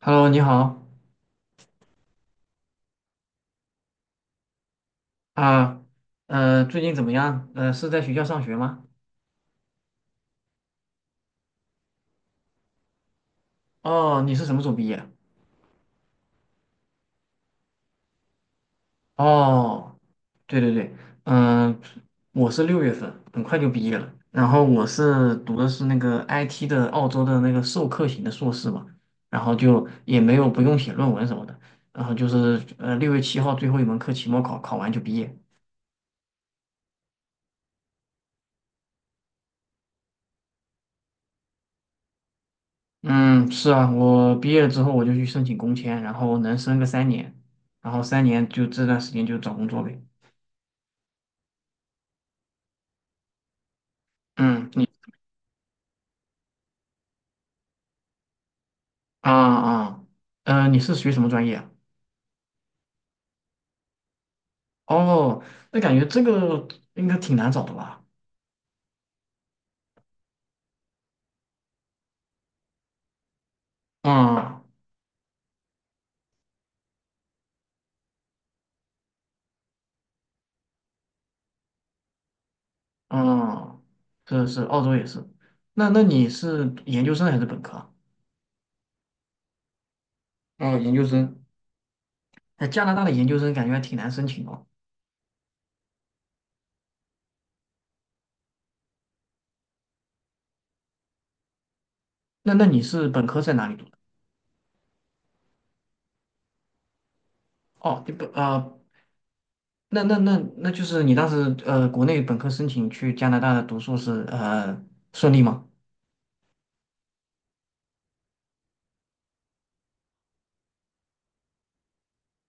Hello，你好啊，最近怎么样？是在学校上学吗？哦，你是什么时候毕业？哦，对对对，嗯、我是6月份，很快就毕业了。然后我读的是那个 IT 的澳洲的那个授课型的硕士嘛，然后就也没有不用写论文什么的，然后就是6月7号最后一门课期末考，考完就毕业。嗯，是啊，我毕业了之后我就去申请工签，然后能申个三年，然后三年就这段时间就找工作呗。嗯，你啊啊，呃，你是学什么专业啊？哦，那感觉这个应该挺难找的吧？嗯嗯，是是，澳洲也是。那你是研究生还是本科啊？哦，研究生。哎，加拿大的研究生感觉还挺难申请哦。那你是本科在哪里读的？哦，你本啊、呃那就是你当时国内本科申请去加拿大的读硕士，顺利吗？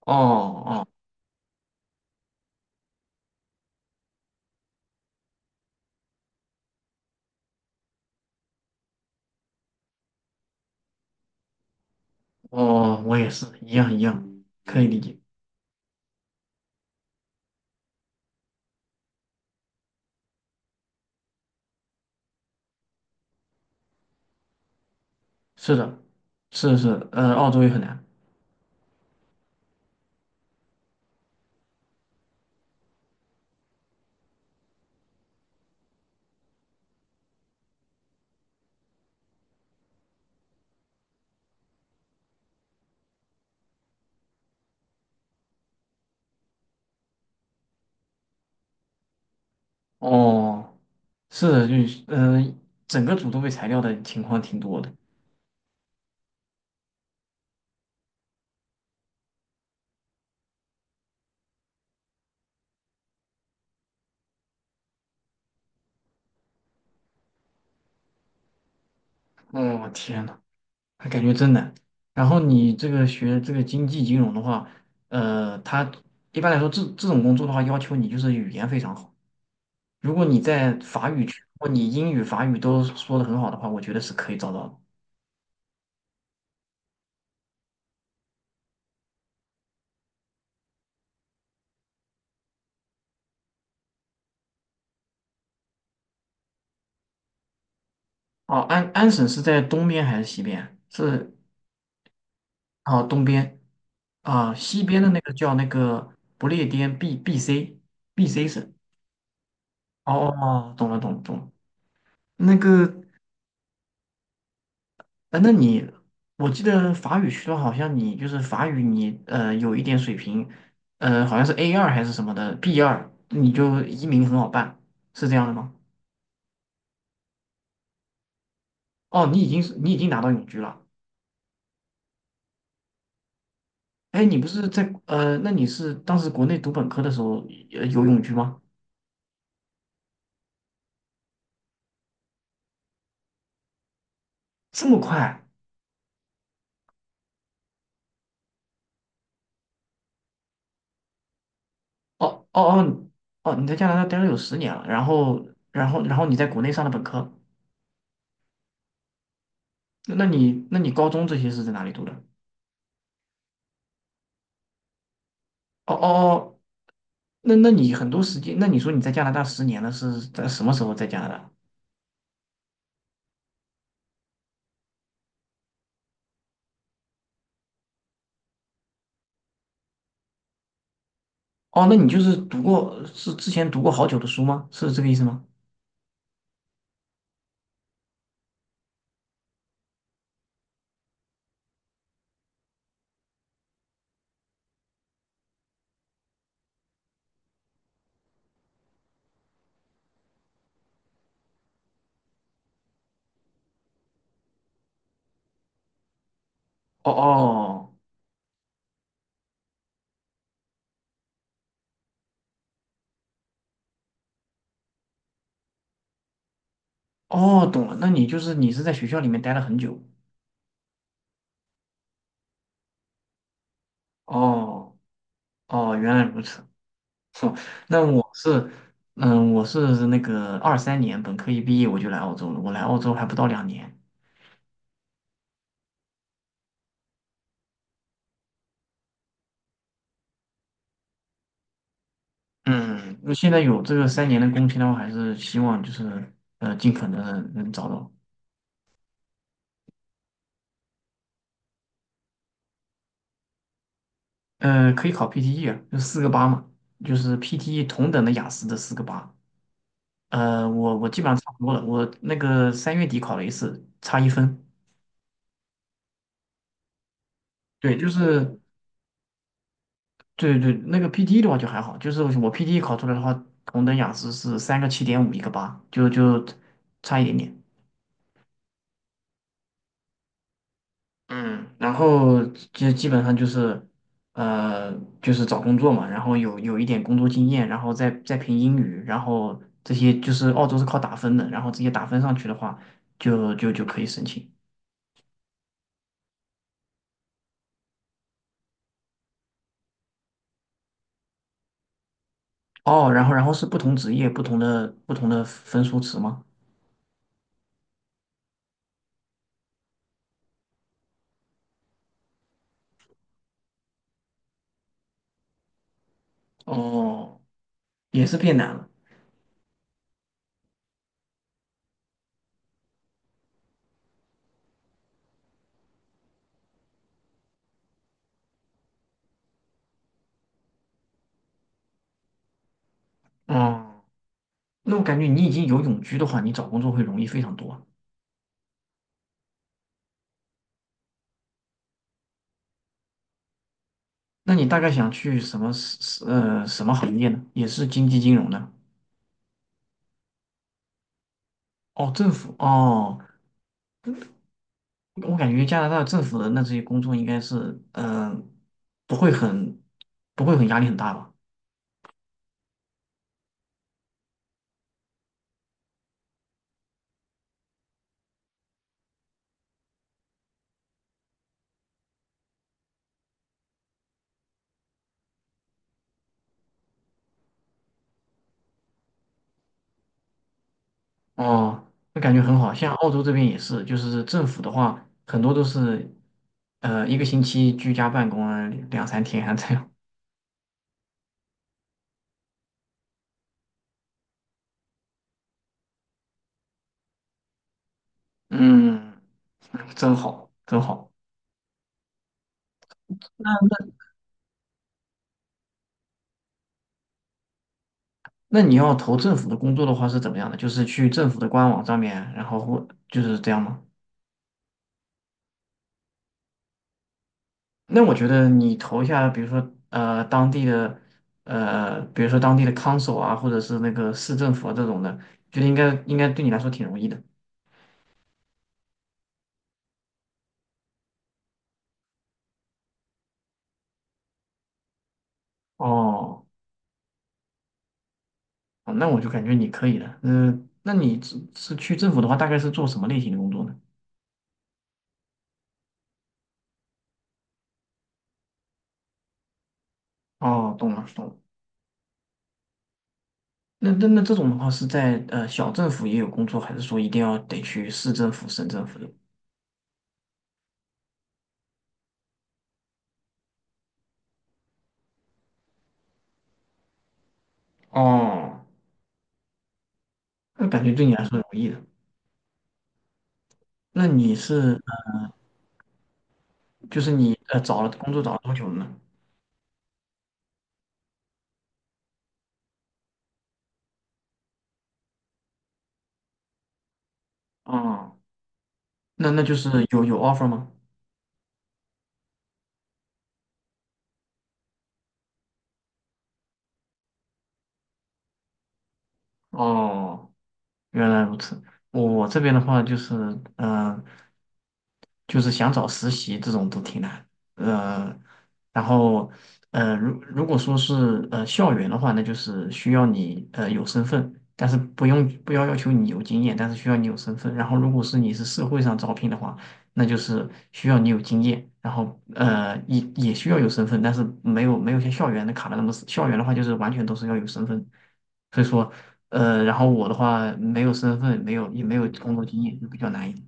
哦哦哦，我也是一样一样，可以理解。是的，是是，澳洲也很难。哦，是的，就是，整个组都被裁掉的情况挺多的。哦，天呐，那感觉真难。然后你这个学这个经济金融的话，呃，他一般来说这种工作的话，要求你就是语言非常好。如果你在法语区，如果你英语、法语都说的很好的话，我觉得是可以找到的。哦，安省是在东边还是西边？是，哦，东边。啊，西边的那个叫那个不列颠 B C 省。哦哦懂了懂了懂了。那个，呃那你，我记得法语学的好像你就是法语你有一点水平，好像是 A2还是什么的 B2，你就移民很好办，是这样的吗？哦，你已经拿到永居了。哎，你不是在，那你是当时国内读本科的时候有永居吗？这么快？哦哦哦，哦，你在加拿大待了有十年了，然后你在国内上的本科，那你高中这些是在哪里读的？哦哦哦，那你很多时间，那你说你在加拿大十年了，是在什么时候在加拿大？哦，那你就是读过，是之前读过好久的书吗？是这个意思吗？哦哦哦，哦懂了，那你就是你是在学校里面待了很久。哦哦，原来如此。哼。那我是，嗯，我是那个23年本科一毕业我就来澳洲了，我来澳洲还不到2年。嗯，那现在有这个三年的工签的话，还是希望就是尽可能地能找到。可以考 PTE 啊，就四个八嘛，就是 PTE 同等的雅思的四个八。我基本上差不多了，我那个3月底考了一次，差1分。对，就是对，那个 PT e 的话就还好，就是我 PT e 考出来的话，同等雅思是三个七点五，一个八，就差一点点。嗯，然后就基本上就是，呃，就是找工作嘛，然后有一点工作经验，然后再凭英语，然后这些就是澳洲是靠打分的，然后直接打分上去的话，就可以申请。哦，然后是不同职业不同的分数值吗？哦，也是变难了。哦。那我感觉你已经有永居的话，你找工作会容易非常多啊。那你大概想去什么行业呢？也是经济金融的？哦，政府哦，我感觉加拿大政府的那这些工作应该是不会很不会很压力很大吧？哦，那感觉很好。像澳洲这边也是，就是政府的话，很多都是一个星期居家办公啊，两三天啊这样。嗯，真好，真好。那那。那你要投政府的工作的话是怎么样的？就是去政府的官网上面，然后或就是这样吗？那我觉得你投一下，比如说当地的，比如说当地的 council 啊，或者是那个市政府啊这种的，觉得应该对你来说挺容易的。哦，哦那我就感觉你可以的。嗯、那你去政府的话，大概是做什么类型的工作呢？哦，懂了懂了。那这种的话是在小政府也有工作，还是说一定要得去市政府、省政府的？哦，那感觉对你来说容易的。那你是就是你找了工作找了多久了呢？哦，那就是有 offer 吗？哦。原来如此。我这边的话就是，嗯、就是想找实习这种都挺难。呃，然后，如果说是校园的话，那就是需要你有身份，但是不要要求你有经验，但是需要你有身份。然后，如果是你是社会上招聘的话，那就是需要你有经验，然后也需要有身份，但是没有像校园的卡的那么死。校园的话就是完全都是要有身份，所以说然后我的话没有身份，没有也没有工作经验，就比较难一点。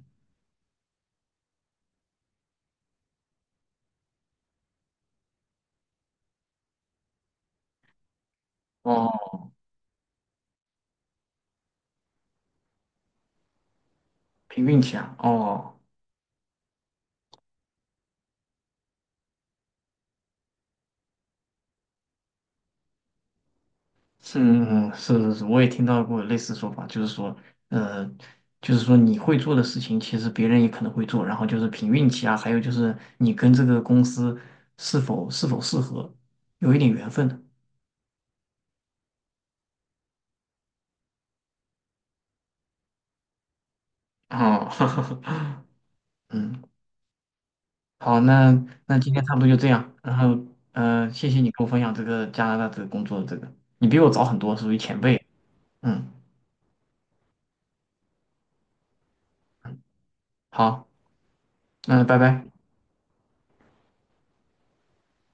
哦，凭运气啊。哦，是，嗯，是是是，我也听到过类似说法，就是说，呃，就是说你会做的事情，其实别人也可能会做，然后就是凭运气啊，还有就是你跟这个公司是否适合，有一点缘分的。哦，嗯，好，那今天差不多就这样，然后，谢谢你给我分享这个加拿大这个工作的这个，你比我早很多，属于前辈。嗯，好，嗯，拜拜。